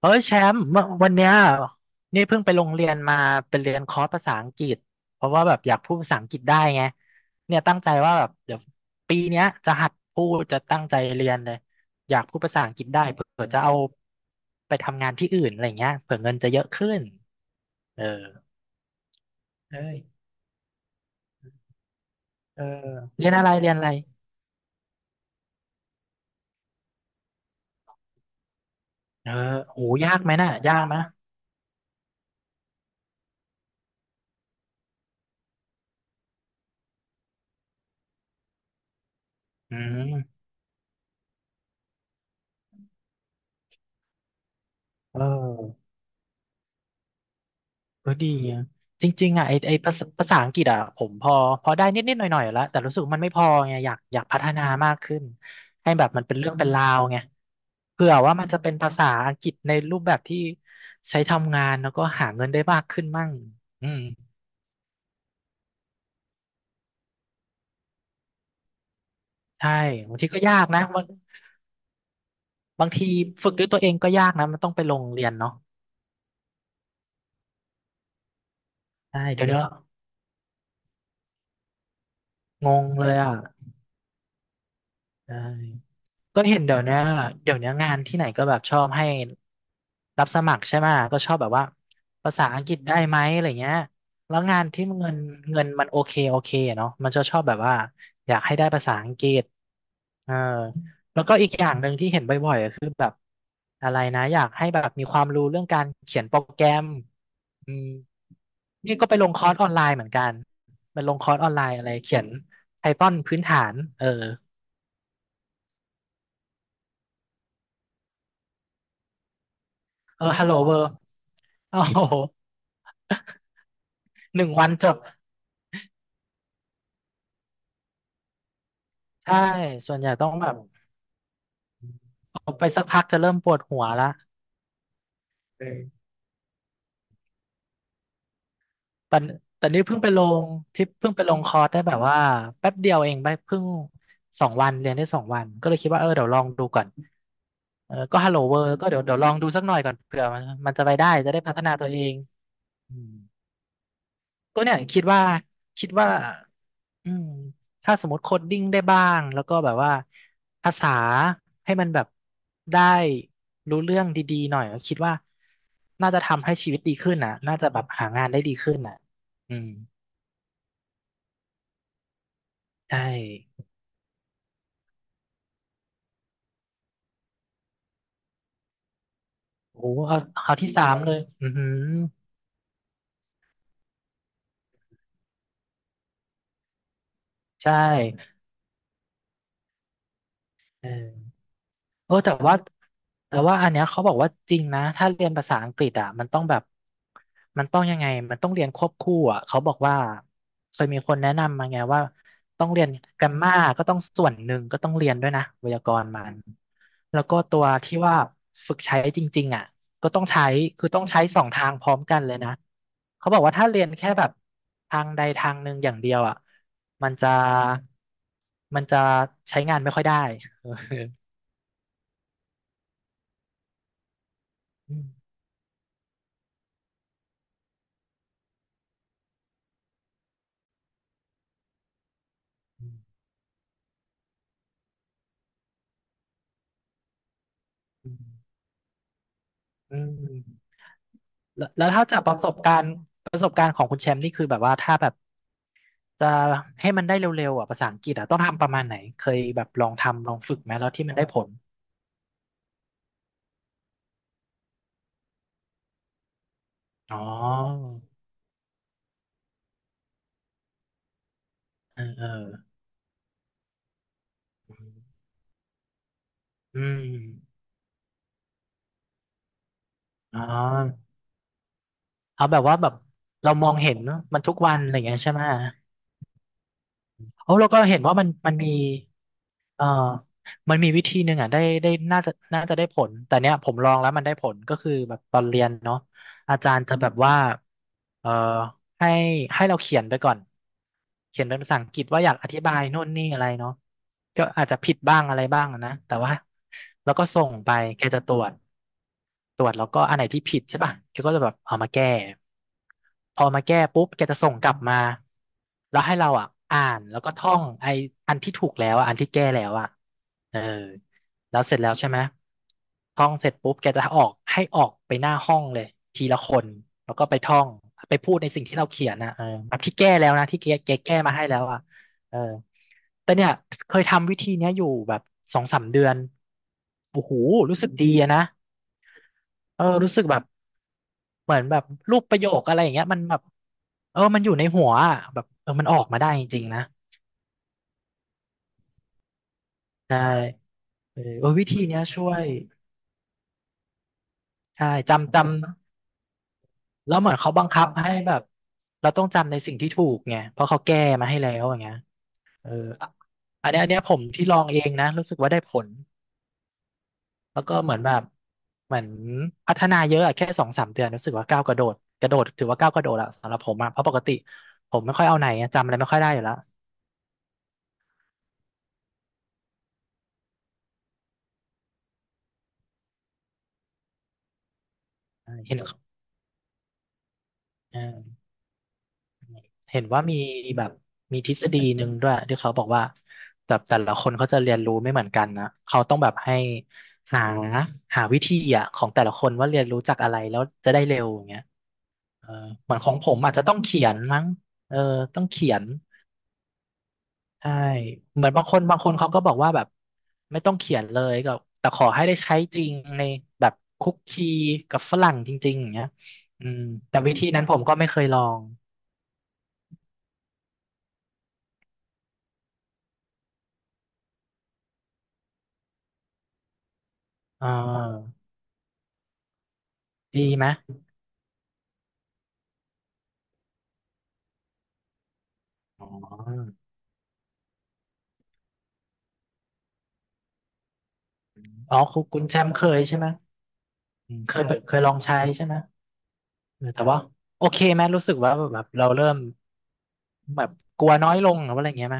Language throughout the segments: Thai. เอ้ยแชมป์เมื่อวันเนี้ยนี่เพิ่งไปโรงเรียนมาเป็นเรียนคอร์สภาษาอังกฤษเพราะว่าแบบอยากพูดภาษาอังกฤษได้ไงเนี่ยตั้งใจว่าแบบเดี๋ยวปีเนี้ยจะหัดพูดจะตั้งใจเรียนเลยอยากพูดภาษาอังกฤษได้เผื่อจะเอาไปทำงานที่อื่นอะไรเงี้ยเผื่อเงินจะเยอะขึ้นเออเอ้ยเออเรียนอะไรเรียนอะไรเออโหยากไหมน่ะยากนะอืมเออ ก็ดีอะจริงๆอ่ะไอภาษาอังกฤษอ่ะผมพอพอได้นิดๆหน่อยๆแล้วแต่รู้สึกว่ามันไม่พอไงอยากพัฒนามากขึ้นให้แบบมันเป็นเรื่องเป็นราวไงเผื่อว่ามันจะเป็นภาษาอังกฤษในรูปแบบที่ใช้ทำงานแล้วก็หาเงินได้มากขึ้นมั่งอืมใช่บางทีก็ยากนะบางทีฝึกด้วยตัวเองก็ยากนะมันต้องไปลงเรียนเนาะใช่เดี๋ยวงงเลยอ่ะใช่ ก็เห็นเดี๋ยวเนี้ยเดี๋ยวเนี้ยงานที่ไหนก็แบบชอบให้รับสมัครใช่ไหมก็ชอบแบบว่าภาษาอังกฤษได้ไหมอะไรเงี้ยแล้วงานที่เงินเงินมันโอเคโอเคอะเนาะมันจะชอบแบบว่าอยากให้ได้ภาษาอังกฤษเออแล้วก็อีกอย่างหนึ่งที่เห็นบ่อยๆก็คือแบบอะไรนะอยากให้แบบมีความรู้เรื่องการเขียนโปรแกรมอืมนี่ก็ไปลงคอร์สออนไลน์เหมือนกันไปลงคอร์สออนไลน์อะไรเขียน Python พื้นฐานเออ เออฮัลโหลเบอร์โอ้โหหนึ่งวันจบใช่ ส่วนใหญ่ต้องแบบเอาไปสักพักจะเริ่มปวดหัวละเออแต่แต่นี่เพิ่งไปลงที่เพิ่งไปลงคอร์สได้แบบว่าแป๊บเดียวเองไปเพิ่งสองวันเรียนได้สองวันก็เลยคิดว่าเออเดี๋ยวลองดูก่อนเออก็ฮัลโหลเบอร์ ก็เดี๋ยวลองดูสักหน่อยก่อนเผื่อมันจะไปได้จะได้พัฒนาตัวเองอืมก็เนี่ยคิดว่า อืมถ้าสมมติโคดดิ้งได้บ้างแล้วก็แบบว่าภาษาให้มันแบบได้รู้เรื่องดีๆหน่อยคิดว่าน่าจะทำให้ชีวิตดีขึ้นน่ะน่าจะแบบหางานได้ดีขึ้นน่ะอืมใช่โอ้เอาเอาที่สามเลยอือหือใช่ เออโอ้แต่ว่าอันเนี้ยเขาบอกว่าจริงนะถ้าเรียนภาษาอังกฤษอ่ะมันต้องแบบมันต้องยังไง มันต้องเรียนควบคู่อ่ะเขาบอกว่าเคยมีคนแนะนำมาไงว่าต้องเรียนแกรมมาก็ต้องส่วนหนึ่งก็ต้องเรียนด้วยนะไวยากรณ์มันแล้วก็ตัวที่ว่าฝึกใช้จริงๆอ่ะ ก็ต้องใช้คือต้องใช้สองทางพร้อมกันเลยนะ เขาบอกว่าถ้าเรียนแค่แบบทางใดทางหนึ่งอย่างเดียวอ่ะมันจะ มันจะใช้งานไม่ค่อยได้ อืมอืมอืมอืมแล้วถ้าจากประสบการณ์ประสบการณ์ของคุณแชมป์นี่คือแบบว่าถ้าแบบจะให้มันได้เร็วๆอ่ะภาษาอังกฤษอ่ะต้องทำประมาณไหนเคยแบบลองทำลองฝึกไหมแล้วที่มันได้ผลอ๋อเออเอออืมอ๋อ เอาแบบว่าแบบเรามองเห็นมันทุกวันอะไรอย่างเงี้ยใช่ไหมโอ้เราก็เห็นว่ามันมีเอ่อมันมีวิธีหนึ่งอ่ะได้น่าจะได้ผลแต่เนี้ยผมลองแล้วมันได้ผลก็คือแบบตอนเรียนเนาะอาจารย์จะแบบว่าเอ่อให้ให้เราเขียนไปก่อนเขียนเป็นภาษาอังกฤษว่าอยากอธิบายนู่นนี่อะไรเนาะ ก็อาจจะผิดบ้างอะไรบ้างอะนะแต่ว่าแล้วก็ส่งไปแกจะตรวจตรวจแล้วก็อันไหนที่ผิดใช่ป่ะแกก็จะแบบเอามาแก้พอมาแก้ปุ๊บแกจะส่งกลับมาแล้วให้เราอ่ะอ่านแล้วก็ท่องไออันที่ถูกแล้วอะอันที่แก้แล้วอ่ะเออแล้วเสร็จแล้วใช่ไหมท่องเสร็จปุ๊บแกจะออกให้ออกไปหน้าห้องเลยทีละคนแล้วก็ไปท่องไปพูดในสิ่งที่เราเขียนนะเออแบบที่แก้แล้วนะที่แกแก้มาให้แล้วอ่ะ เออแต่เนี่ยเคยทำวิธีเนี้ยอยู่แบบสองสามเดือนโอ้โหรู้สึกดีอะนะรู้สึกแบบเหมือนแบบรูปประโยคอะไรอย่างเงี้ยมันแบบมันอยู่ในหัวอะแบบมันออกมาได้จริงๆนะใช่เออวิธีเนี้ยช่วยใช่จำจำแล้วเหมือนเขาบังคับให้แบบเราต้องจำในสิ่งที่ถูกไงเพราะเขาแก้มาให้แล้วอย่างเงี้ยเอออันเนี้ยอันเนี้ยผมที่ลองเองนะรู้สึกว่าได้ผล แล้วก็เหมือนแบบเหมือนพัฒนาเยอะอะแค่สองสามเดือนรู้สึกว่าก้าวกระโดดกระโดดถือว่าก้าวกระโดดอะสำหรับผมอะเพราะปกติผมไม่ค่อยเอาไหนอะจำอะไรไม่ค่อยได้อยู่แล้วเห็นเออเห็นว่ามีแบบมีทฤษฎีหนึ่งด้วยที่เขาบอกว่าแบบแต่ละคนเขาจะเรียนรู้ไม่เหมือนกันนะเขาต้องแบบให้หาหาวิธีอะของแต่ละคนว่าเรียนรู้จากอะไรแล้วจะได้เร็วอย่างเงี้ยเออเหมือนของผมอาจจะต้องเขียนมั้งเออต้องเขียน ใช่เหมือนบางคนบางคนเขาก็บอกว่าแบบไม่ต้องเขียนเลยก็แต่ขอให้ได้ใช้จริงในแบบคุกคีกับฝรั่งจริงๆอย่างเงี้ยอืมแต่วิธีนั้นผมก็ไม่เคยลองอ่าดีไหมอ๋ออ๋อคุณคุณแชมป์เคยใช่ไหมอืมเคยเคยลองใช้ใช่ไหมเออแต่ว่าโอเคไหมรู้สึกว่าแบบเราเริ่มแบบกลัวน้อยลงหรือว่าอะไรอย่างเงี้ยไหม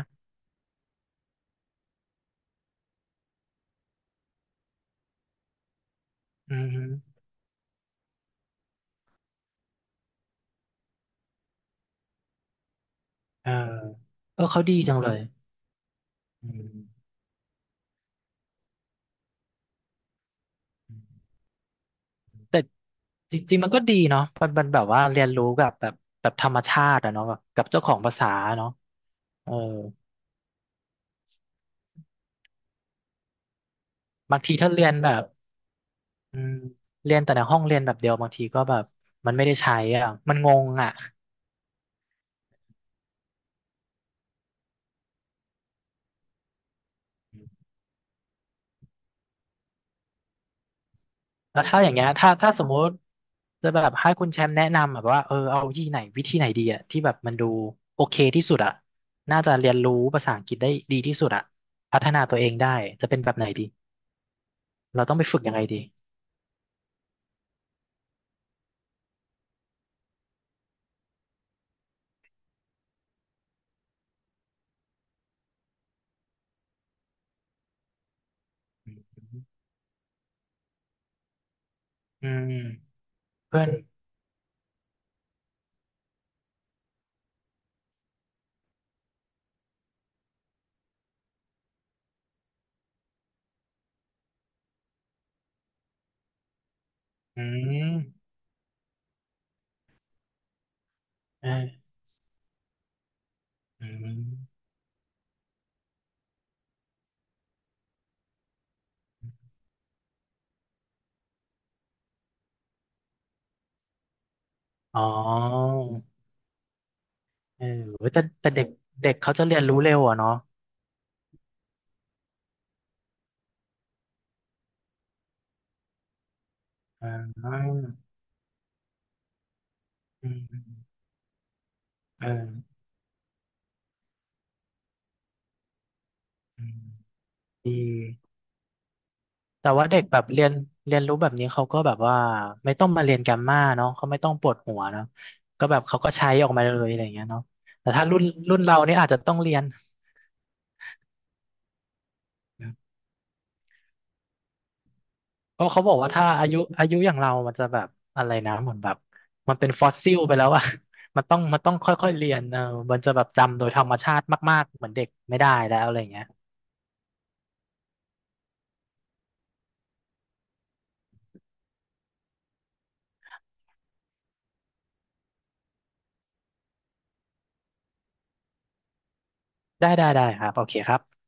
อืมเออเออเขาดีจังเลยอืม แต่จริงๆมันก็ดีเนาะมันมันแบบว่าเรียนรู้กับแบบแบบธรรมชาติอะเนาะแบบกับเจ้าของภาษาเนาะเออบางทีถ้าเรียนแบบอืมเรียนแต่ในห้องเรียนแบบเดียวบางทีก็แบบมันไม่ได้ใช้อ่ะมันงงอ่ะแล้วถ้าอย่างเงี้ยถ้าถ้าสมมุติจะแบบให้คุณแชมป์แนะนำแบบว่าเอาที่ไหนวิธีไหนดีอ่ะที่แบบมันดูโอเคที่สุดอ่ะน่าจะเรียนรู้ภาษาอังกฤษได้ดีที่สุดอ่ะพัฒนาตัวเองได้จะเป็นแบบไหนดีเราต้องไปฝึกยังไงดีอืมเพื่อน อืมเอออืมอ๋อเออแต่แต่เด็กเด็กเขาจะเรียนรู้เร็วอ่ะเนาะอ่าอืมเอออืมดีแต่ว่าเด็กแบบเรียนเรียนรู้แบบนี้เขาก็แบบว่าไม่ต้องมาเรียนแกรมมาเนาะเขาไม่ต้องปวดหัวเนาะก็แบบเขาก็ใช้ออกมาเลยอะไรอย่างเงี้ยเนาะแต่ถ้ารุ่นรุ่นเราเนี่ยอาจจะต้องเรียน เพราะเขาบอกว่าถ้าอายุอายุอย่างเรามันจะแบบอะไรนะเหมือนแบบมันเป็นฟอสซิลไปแล้วอะ มันต้องมันต้องค่อยๆเรียนเออมันจะแบบจำโดยธรรมชาติมากๆเหมือนเด็กไม่ได้แล้วอะไรอย่างเงี้ยได้ได้ได้ครับโอเคครับ